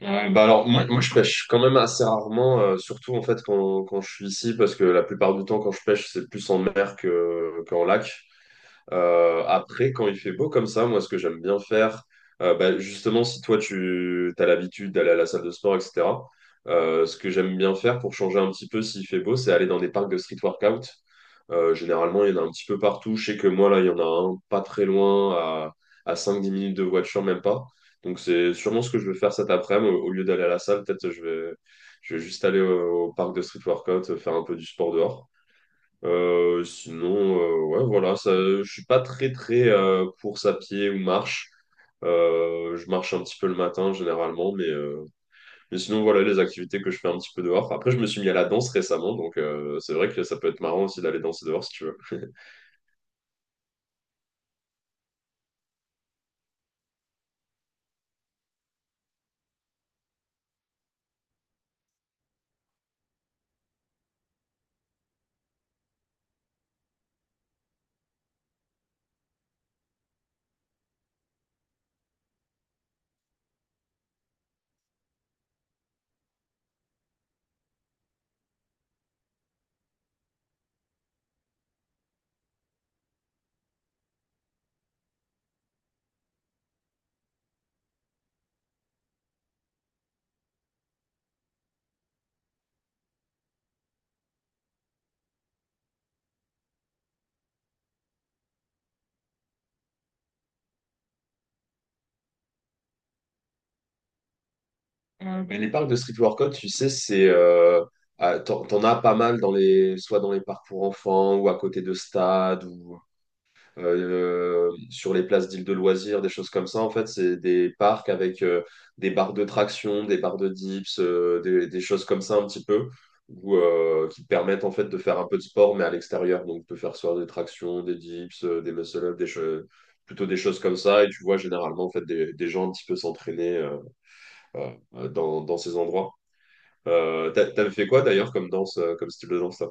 Ouais, bah alors moi je pêche quand même assez rarement, surtout en fait quand je suis ici, parce que la plupart du temps quand je pêche c'est plus en mer qu'en lac. Après quand il fait beau comme ça, moi ce que j'aime bien faire, bah, justement si toi tu as l'habitude d'aller à la salle de sport, etc., ce que j'aime bien faire pour changer un petit peu s'il fait beau, c'est aller dans des parcs de street workout. Généralement, il y en a un petit peu partout. Je sais que moi, là, il y en a un pas très loin, à 5 10 minutes de voiture, même pas. Donc, c'est sûrement ce que je vais faire cet après-midi. Au lieu d'aller à la salle, peut-être je vais juste aller au parc de street workout, faire un peu du sport dehors. Sinon, ouais, voilà, ça, je suis pas très, très course à pied ou marche. Je marche un petit peu le matin généralement, mais sinon voilà les activités que je fais un petit peu dehors. Après, je me suis mis à la danse récemment, donc c'est vrai que ça peut être marrant aussi d'aller danser dehors si tu veux. Mais les parcs de street workout, tu sais, c'est ah, t'en as pas mal dans les, soit dans les parcs pour enfants ou à côté de stades ou sur les places d'îles de loisirs, des choses comme ça. En fait, c'est des parcs avec des barres de traction, des barres de dips, des choses comme ça un petit peu, ou qui te permettent en fait de faire un peu de sport mais à l'extérieur, donc de faire soit des tractions, des dips, des muscle-ups, plutôt des choses comme ça. Et tu vois généralement en fait des gens un petit peu s'entraîner dans ces endroits. T'avais fait quoi d'ailleurs comme danse, comme style de danse là?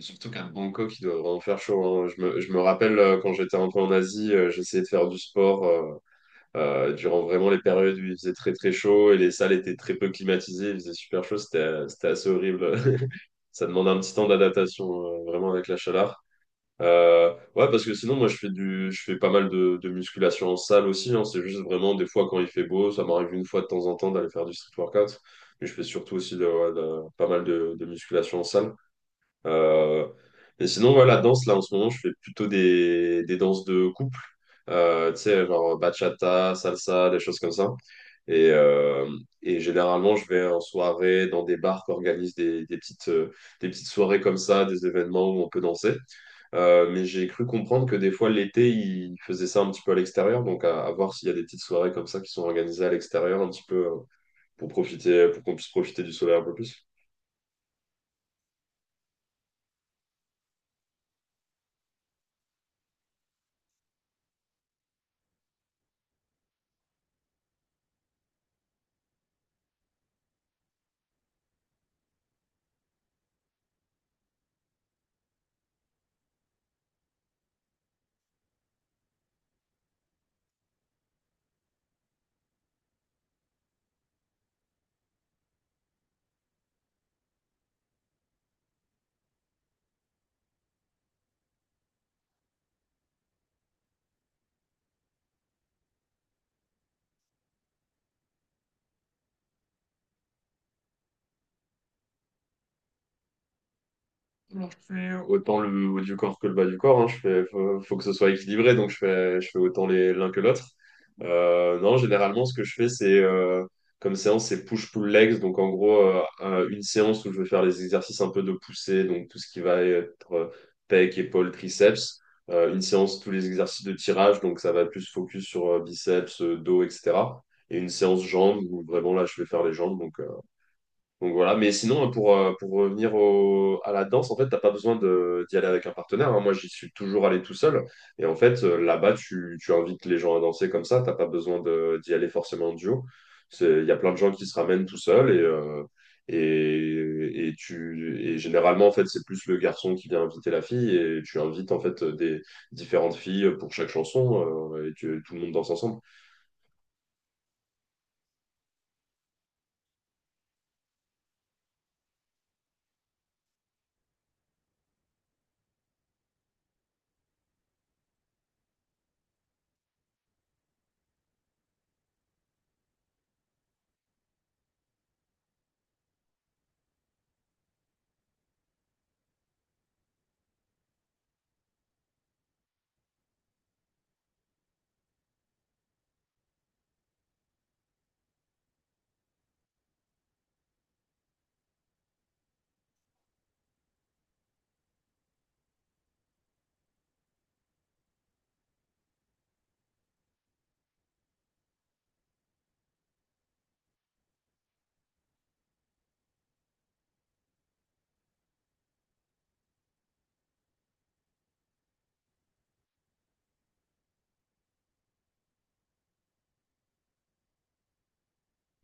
Surtout qu'à Bangkok, il doit vraiment faire chaud, hein. Je me rappelle quand j'étais un peu en Asie, j'essayais de faire du sport durant vraiment les périodes où il faisait très très chaud et les salles étaient très peu climatisées, il faisait super chaud, c'était assez horrible. Ça demande un petit temps d'adaptation vraiment avec la chaleur. Ouais, parce que sinon, moi, je fais pas mal de musculation en salle aussi, hein. C'est juste vraiment des fois quand il fait beau, ça m'arrive une fois de temps en temps d'aller faire du street workout. Mais je fais surtout aussi ouais, pas mal de musculation en salle. Euh, et sinon, ouais, la danse, là, en ce moment, je fais plutôt des danses de couple. Tu sais, genre bachata, salsa, des choses comme ça. Et, euh, et généralement, je vais en soirée dans des bars qui organisent des petites soirées comme ça, des événements où on peut danser. Mais j'ai cru comprendre que des fois l'été, ils faisaient ça un petit peu à l'extérieur, donc à voir s'il y a des petites soirées comme ça qui sont organisées à l'extérieur un petit peu pour profiter, pour qu'on puisse profiter du soleil un peu plus. Alors, je fais autant le haut du corps que le bas du corps, hein. Faut que ce soit équilibré, donc je fais autant l'un que l'autre. Non, généralement, ce que je fais, c'est comme séance, c'est push-pull legs. Donc, en gros, une séance où je vais faire les exercices un peu de poussée, donc tout ce qui va être pec, épaule, triceps. Une séance, tous les exercices de tirage, donc ça va plus focus sur biceps, dos, etc. Et une séance jambes où vraiment là, je vais faire les jambes. Donc, voilà, mais sinon, pour revenir à la danse, en fait, t'as pas besoin d'y aller avec un partenaire, hein. Moi, j'y suis toujours allé tout seul. Et en fait, là-bas, tu invites les gens à danser comme ça. T'as pas besoin d'y aller forcément en duo. Il y a plein de gens qui se ramènent tout seuls. Et généralement, en fait, c'est plus le garçon qui vient inviter la fille. Et tu invites, en fait, des différentes filles pour chaque chanson. Tout le monde danse ensemble.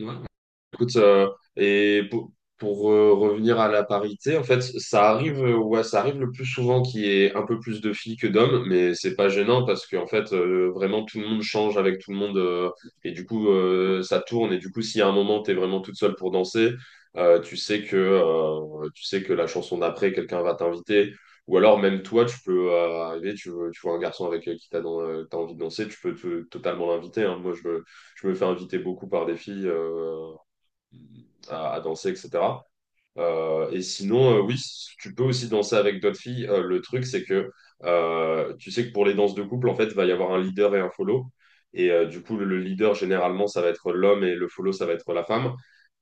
Ouais. Écoute, et revenir à la parité, en fait, ça arrive le plus souvent qu'il y ait un peu plus de filles que d'hommes, mais c'est pas gênant parce qu'en fait, vraiment, tout le monde change avec tout le monde et du coup, ça tourne. Et du coup, si à un moment, t'es vraiment toute seule pour danser, tu sais que la chanson d'après, quelqu'un va t'inviter. Ou alors, même toi, tu peux arriver, tu vois un garçon avec t'as envie de danser, tu peux totalement l'inviter, hein. Moi, je me fais inviter beaucoup par des filles, à danser, etc. Et sinon, oui, tu peux aussi danser avec d'autres filles. Le truc, c'est que tu sais que pour les danses de couple, en fait, va y avoir un leader et un follow. Et du coup, le leader, généralement, ça va être l'homme et le follow, ça va être la femme.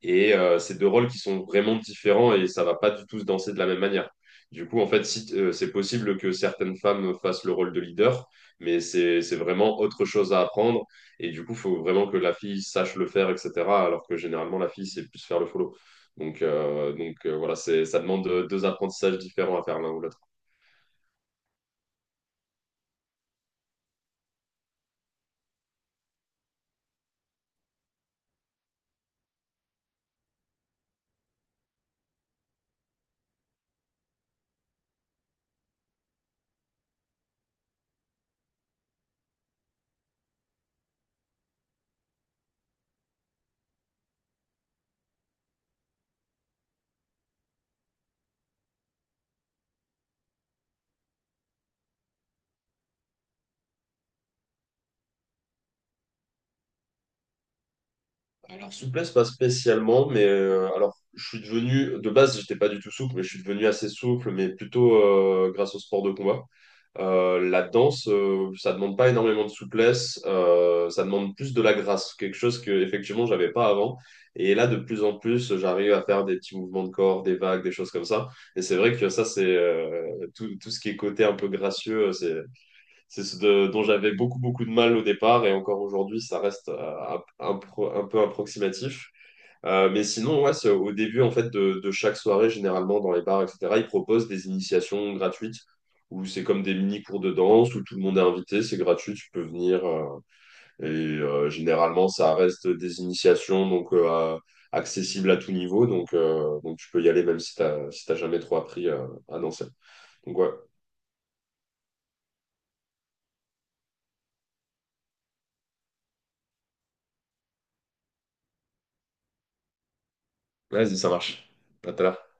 Et c'est deux rôles qui sont vraiment différents et ça va pas du tout se danser de la même manière. Du coup, en fait, si, c'est possible que certaines femmes fassent le rôle de leader, mais c'est vraiment autre chose à apprendre. Et du coup, il faut vraiment que la fille sache le faire, etc. Alors que généralement, la fille sait plus faire le follow. Voilà, ça demande deux apprentissages différents à faire l'un ou l'autre. Alors, souplesse, pas spécialement, mais alors, je suis devenu, de base, j'étais pas du tout souple, mais je suis devenu assez souple, mais plutôt grâce au sport de combat. La danse, ça demande pas énormément de souplesse, ça demande plus de la grâce, quelque chose que effectivement j'avais pas avant. Et là, de plus en plus, j'arrive à faire des petits mouvements de corps, des vagues, des choses comme ça. Et c'est vrai que ça, c'est tout, tout ce qui est côté un peu gracieux, c'est ce dont j'avais beaucoup, beaucoup de mal au départ, et encore aujourd'hui, ça reste un peu approximatif. Mais sinon, ouais, c'est au début en fait de chaque soirée, généralement dans les bars, etc., ils proposent des initiations gratuites où c'est comme des mini cours de danse où tout le monde est invité, c'est gratuit, tu peux venir. Généralement, ça reste des initiations donc accessibles à tout niveau, donc tu peux y aller même si t'as jamais trop appris à danser. Donc ouais, vas-y, ça marche. À tout à l'heure.